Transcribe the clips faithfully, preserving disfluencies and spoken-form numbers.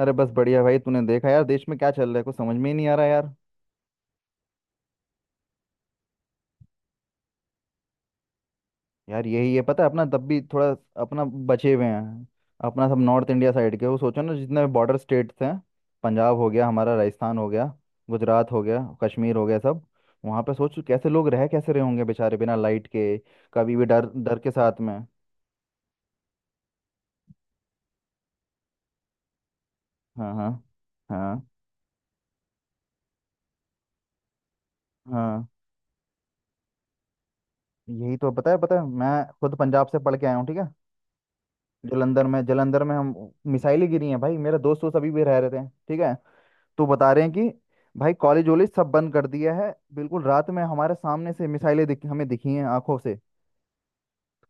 अरे बस बढ़िया भाई। तूने देखा यार देश में क्या चल रहा है? कुछ समझ में ही नहीं आ रहा यार। यार यही है पता है अपना तब भी थोड़ा अपना बचे हुए हैं। अपना सब नॉर्थ इंडिया साइड के, वो सोचो ना जितने बॉर्डर स्टेट्स हैं। पंजाब हो गया हमारा, राजस्थान हो गया, गुजरात हो गया, कश्मीर हो गया, सब। वहाँ पे सोच कैसे लोग रह कैसे रहे होंगे बेचारे बिना लाइट के, कभी भी डर डर के साथ में। हाँ हाँ, हाँ हाँ। यही तो, पता है पता है, मैं खुद पंजाब से पढ़ के आया हूँ, ठीक है। जलंधर में जलंधर में हम, मिसाइलें गिरी हैं भाई। मेरे दोस्त दोस्त अभी भी रह रहे थे, ठीक है। तो बता रहे हैं कि भाई कॉलेज वॉलेज सब बंद कर दिया है बिल्कुल। रात में हमारे सामने से मिसाइलें दिख, हमें दिखी हैं आंखों से,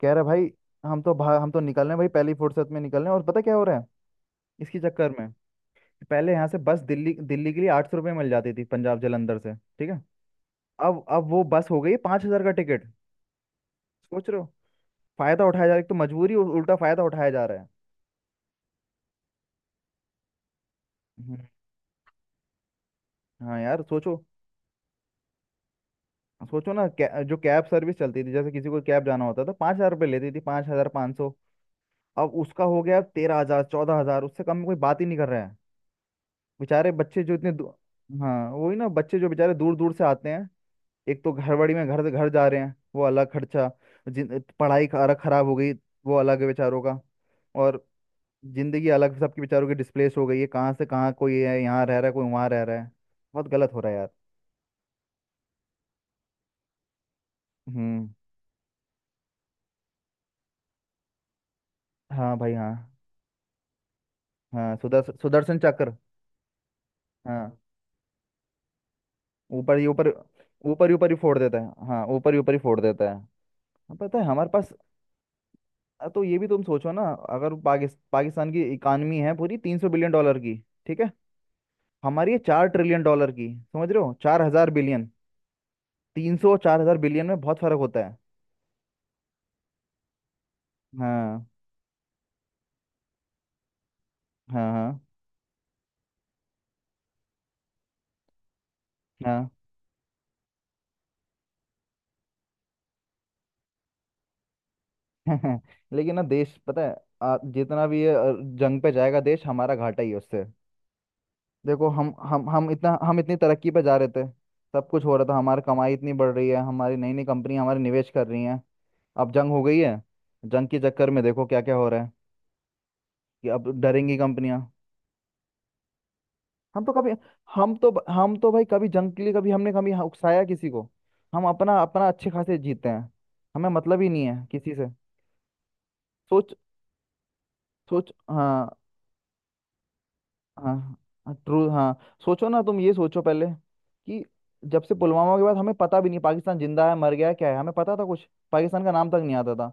कह रहा भाई। हम तो भा, हम तो निकल रहे हैं भाई, पहली फुर्सत में निकल रहे हैं। और पता क्या हो रहा है इसके चक्कर में, पहले यहाँ से बस दिल्ली दिल्ली के लिए आठ सौ रुपये मिल जाती थी, पंजाब जालंधर से, ठीक है। अब अब वो बस हो गई पाँच हजार का टिकट। सोच रहे हो! फायदा उठाया जा रहा है, एक तो मजबूरी और उल्टा फायदा उठाया जा रहा है। हम्म, हाँ यार सोचो। सोचो ना, कै, जो कैब सर्विस चलती थी, जैसे किसी को कैब जाना होता था तो पाँच हजार रुपये लेती थी, पाँच हजार पाँच सौ। अब उसका हो गया तेरह हजार, चौदह हजार, उससे कम में कोई बात ही नहीं कर रहा है। बेचारे बच्चे जो इतने दू- हाँ वही ना, बच्चे जो बेचारे दूर दूर से आते हैं। एक तो घरबड़ी में घर घर जा रहे हैं, वो अलग खर्चा। जिन पढ़ाई का अलग खराब हो गई, वो अलग है बेचारों का। और जिंदगी अलग सबकी बेचारों की डिस्प्लेस हो गई है, कहाँ से कहाँ, कोई है यहाँ रह रहा है, कोई वहाँ रह रहा है। बहुत गलत हो रहा है यार। हम्म हाँ भाई, हाँ। हाँ, सुदर्शन सुदर्शन चक्र। हाँ ऊपर ही ऊपर, ऊपर ही ऊपर ही फोड़ देता है। हाँ ऊपर ही ऊपर ही फोड़ देता है। हाँ, पता है हमारे पास। अ, तो ये भी तुम सोचो ना, अगर पाकिस, पाकिस्तान की इकानमी है पूरी तीन सौ बिलियन डॉलर की, ठीक है। हमारी ये चार ट्रिलियन डॉलर की, समझ रहे हो, चार हजार बिलियन। तीन सौ चार हजार बिलियन में बहुत फर्क होता है। हाँ हाँ, हाँ हाँ। लेकिन ना देश, पता है आ, जितना भी ये अ, जंग पे जाएगा देश हमारा घाटा ही है उससे। देखो हम हम हम इतना हम इतनी तरक्की पे जा रहे थे। सब कुछ हो रहा था, हमारी कमाई इतनी बढ़ रही है, हमारी नई नई कंपनी हमारे निवेश कर रही हैं। अब जंग हो गई है। जंग के चक्कर में देखो क्या क्या हो रहा है कि अब डरेंगी कंपनियां। हम तो कभी हम तो हम तो भाई कभी जंग के लिए, कभी हमने कभी यहाँ उकसाया किसी को। हम अपना अपना अच्छे खासे जीते हैं, हमें मतलब ही नहीं है किसी से। सोच सोच हाँ हाँ। हाँ, ट्रू, हाँ। सोचो ना तुम, ये सोचो पहले कि जब से पुलवामा के बाद हमें पता भी नहीं पाकिस्तान जिंदा है, मर गया है, क्या है, हमें पता था कुछ? पाकिस्तान का नाम तक नहीं आता था।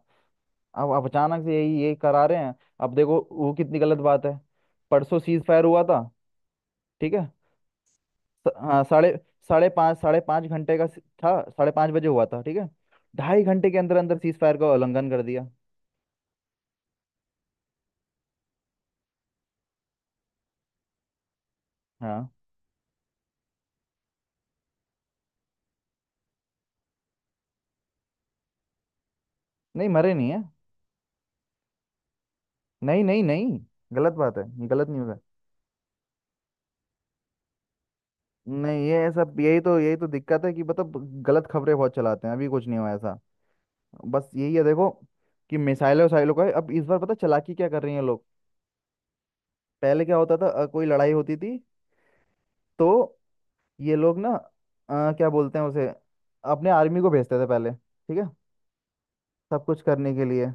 अब अब अचानक से यही यही करा रहे हैं। अब देखो वो कितनी गलत बात है। परसों सीज फायर हुआ था, ठीक है। स- हाँ साढ़े साढ़े पाँच साढ़े पाँच घंटे का स- था, साढ़े पाँच बजे हुआ था, ठीक है। ढाई घंटे के अंदर अंदर सीज फायर का उल्लंघन कर दिया। हाँ नहीं, मरे नहीं है। नहीं नहीं, नहीं। गलत बात है, ये गलत न्यूज़ है। नहीं ये सब, यही तो यही तो दिक्कत है कि, मतलब गलत खबरें बहुत चलाते हैं, अभी कुछ नहीं हुआ ऐसा। बस यही है, देखो कि मिसाइलों वसाइलों का अब इस बार, पता चालाकी क्या कर रही हैं लोग। पहले क्या होता था, अ, कोई लड़ाई होती थी तो ये लोग ना अ, क्या बोलते हैं उसे, अपने आर्मी को भेजते थे पहले, ठीक है, सब कुछ करने के लिए।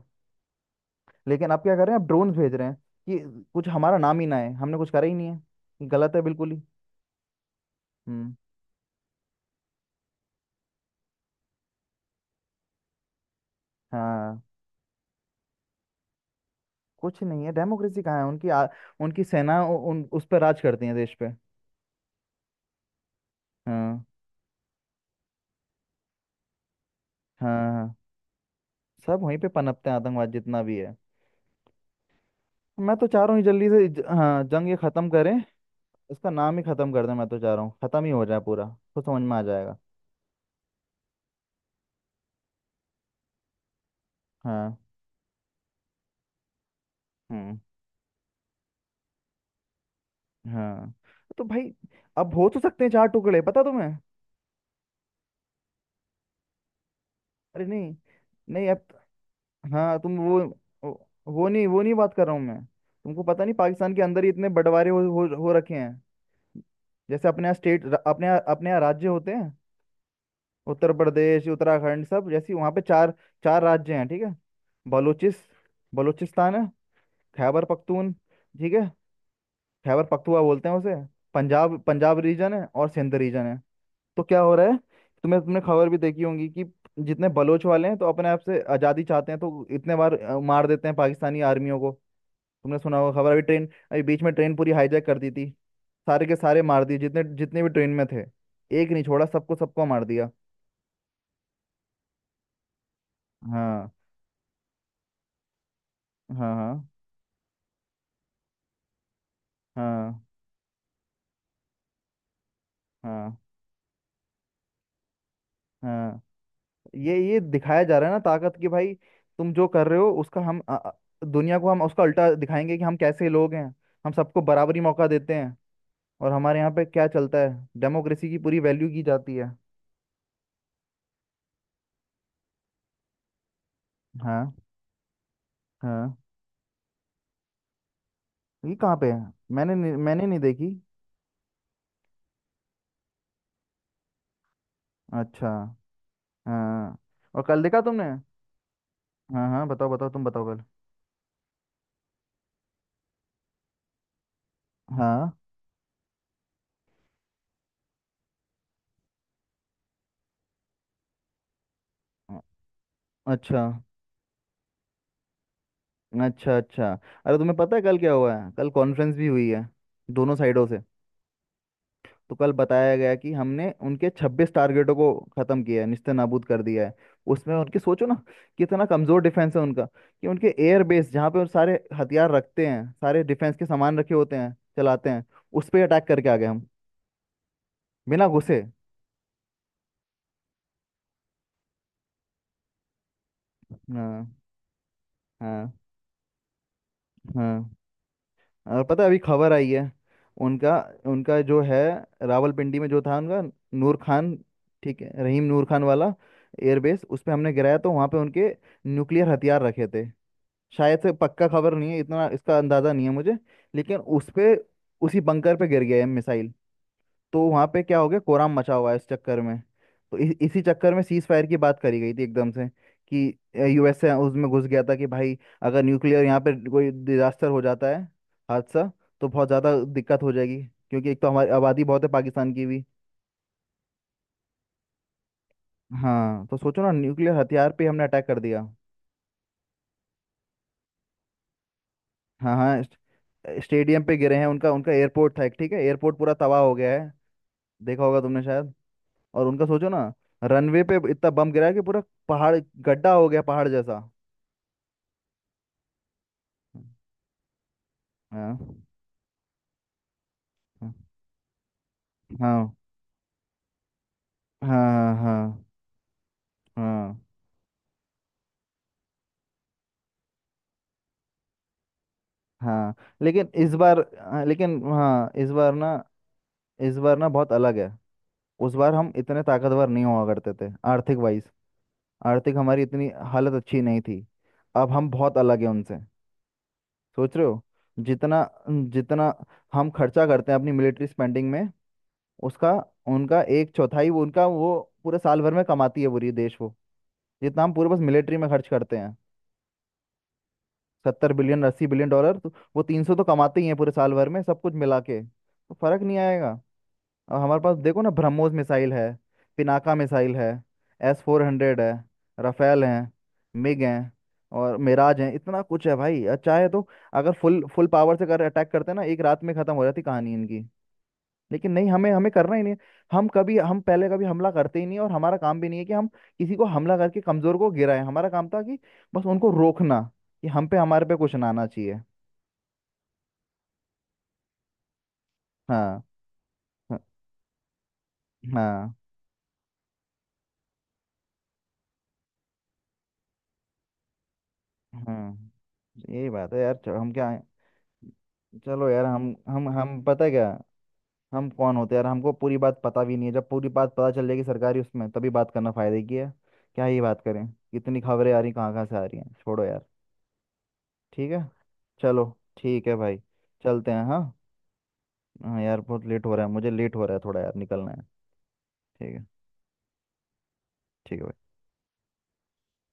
लेकिन आप क्या कर रहे हैं, आप ड्रोन भेज रहे हैं कि कुछ हमारा नाम ही ना है, हमने कुछ करा ही नहीं है। ये गलत है बिल्कुल ही। हम्म हाँ। कुछ नहीं है डेमोक्रेसी, कहाँ है उनकी? आ, उनकी सेना उ- उन उस पर राज करती है देश पे। हाँ हाँ, हाँ। सब वहीं पे पनपते हैं आतंकवाद जितना भी है। मैं तो चाह रहा हूँ जल्दी से ज, हाँ जंग ये खत्म करें, इसका नाम ही खत्म कर दें। मैं तो चाह रहा हूँ खत्म ही हो जाए पूरा, तो समझ में आ जाएगा। हाँ। हम्म हाँ तो भाई अब हो तो सकते हैं चार टुकड़े, पता तुम्हें? अरे नहीं, नहीं अब, हाँ तुम वो, वो वो नहीं वो नहीं बात कर रहा हूँ मैं। तुमको पता नहीं पाकिस्तान के अंदर ही इतने बंटवारे हो, हो, हो रखे हैं। जैसे अपने यहाँ स्टेट, अपने यहाँ- अपने यहाँ राज्य होते हैं उत्तर प्रदेश, उत्तराखंड सब, जैसे वहाँ पे चार, चार राज्य हैं, ठीक है। बलूचिस बलूचिस्तान है, खैबर पख्तून, ठीक है, खैबर पख्तुआ बोलते हैं उसे। पंजाब, पंजाब रीजन है और सिंध रीजन है। तो क्या हो रहा है, तुम्हें, तुमने खबर भी देखी होगी कि जितने बलोच वाले हैं तो अपने आप से आज़ादी चाहते हैं, तो इतने बार अ, मार देते हैं पाकिस्तानी आर्मियों को। तुमने सुना होगा खबर अभी, ट्रेन, अभी बीच में ट्रेन पूरी हाईजैक कर दी थी। सारे के सारे मार दिए, जितने जितने भी ट्रेन में थे, एक नहीं छोड़ा, सबको सबको मार दिया। हाँ हाँ, हाँ हाँ, हाँ हाँ। ये ये दिखाया जा रहा है ना ताकत कि भाई तुम जो कर रहे हो उसका हम अ, अ, दुनिया को हम उसका उल्टा दिखाएंगे कि हम कैसे लोग हैं। हम सबको बराबरी मौका देते हैं, और हमारे यहाँ पे क्या चलता है, डेमोक्रेसी की पूरी वैल्यू की जाती है। हाँ, हाँ। ये कहाँ पे है? मैंने नहीं- मैंने नहीं देखी। अच्छा। हाँ, और कल देखा तुमने? हाँ हाँ, बताओ बताओ, तुम बताओ कल। हाँ अ- अच्छा, अच्छा, अच्छा अरे तुम्हें पता है कल क्या हुआ है? कल कॉन्फ्रेंस भी हुई है दोनों साइडों से। तो कल बताया गया कि हमने उनके छब्बीस टारगेटों को खत्म किया है, निस्ते नाबूद कर दिया है। उसमें उनकी, सोचो ना कितना कमजोर डिफेंस है उनका, कि उनके एयर बेस जहाँ पे वो सारे हथियार रखते हैं, सारे डिफेंस के सामान रखे होते हैं, चलाते हैं, उस पर अटैक करके आ गए हम, बिना घुसे। हाँ हाँ, हाँ। और पता है अभी खबर आई है, उनका, उनका जो है रावलपिंडी में जो था उनका, नूर खान, ठीक है, रहीम नूर खान वाला एयरबेस, उस पे हमने गिराया। तो वहाँ पे उनके न्यूक्लियर हथियार रखे थे, शायद से, पक्का खबर नहीं है इतना, इसका अंदाज़ा नहीं है मुझे, लेकिन उस पे, उसी बंकर पे गिर गया है मिसाइल। तो वहाँ पे क्या हो गया, कोराम मचा हुआ है इस चक्कर में। तो इ, इसी चक्कर में सीज फायर की बात करी गई थी एकदम से, कि यूएसए उसमें घुस गया था कि भाई अगर न्यूक्लियर यहाँ पे कोई डिजास्टर हो जाता है, हादसा, तो बहुत ज़्यादा दिक्कत हो जाएगी। क्योंकि एक तो हमारी आबादी बहुत है, पाकिस्तान की भी। हाँ, तो सोचो ना न्यूक्लियर हथियार पे हमने अटैक कर दिया। हाँ हाँ, स्ट- स्टेडियम पे गिरे हैं उनका, उनका एयरपोर्ट था एक, ठीक है, एयरपोर्ट पूरा तबाह हो गया है, देखा होगा तुमने शायद। और उनका सोचो ना, रनवे पे इतना बम गिरा है कि पूरा पहाड़, गड्ढा हो गया पहाड़ जैसा। हाँ हाँ, हाँ हाँ, हाँ हाँ, हाँ। लेकिन इस बार, हाँ, लेकिन हाँ इस बार ना, इस बार ना बहुत अलग है। उस बार हम इतने ताकतवर नहीं हुआ करते थे, आर्थिक वाइज आर्थिक हमारी इतनी हालत अच्छी नहीं थी। अब हम बहुत अलग है उनसे। सोच रहे हो, जितना जितना हम खर्चा करते हैं अपनी मिलिट्री स्पेंडिंग में, उसका, उनका एक चौथाई वो, उनका वो पूरे साल भर में कमाती है पूरी देश वो। जितना हम पूरे बस मिलिट्री में खर्च करते हैं सत्तर बिलियन, अस्सी बिलियन डॉलर, तो वो तीन सौ तो कमाते ही हैं पूरे साल भर में सब कुछ मिला के, तो फर्क नहीं आएगा। अब हमारे पास देखो ना, ब्रह्मोस मिसाइल है, पिनाका मिसाइल है, एस फोर हंड्रेड है, राफेल है, मिग हैं और मिराज हैं, इतना कुछ है भाई। और चाहे तो, अगर फुल फुल पावर से अगर अटैक करते ना, एक रात में खत्म हो जाती कहानी इनकी। लेकिन नहीं, हमें हमें करना ही नहीं है। हम कभी हम पहले कभी हमला करते ही नहीं, और हमारा काम भी नहीं है कि हम किसी को हमला करके कमजोर को गिराएं। हमारा काम था कि बस उनको रोकना, कि हम पे हमारे पे कुछ ना आना चाहिए। हाँ, हाँ, हाँ, हाँ, यही बात है यार। चलो हम क्या है? चलो यार, हम हम हम पता है क्या, हम कौन होते हैं यार, हमको पूरी बात पता भी नहीं है। जब पूरी बात पता चल जाएगी सरकारी उसमें, तभी बात करना फायदे की है। क्या ही बात करें, कितनी खबरें आ रही, कहाँ कहाँ से आ रही हैं, छोड़ो यार, ठीक है। चलो, ठीक है भाई, चलते हैं, हाँ। हाँ यार बहुत लेट हो रहा है, मुझे लेट हो रहा है थोड़ा यार, निकलना है। ठीक है, ठीक है भाई।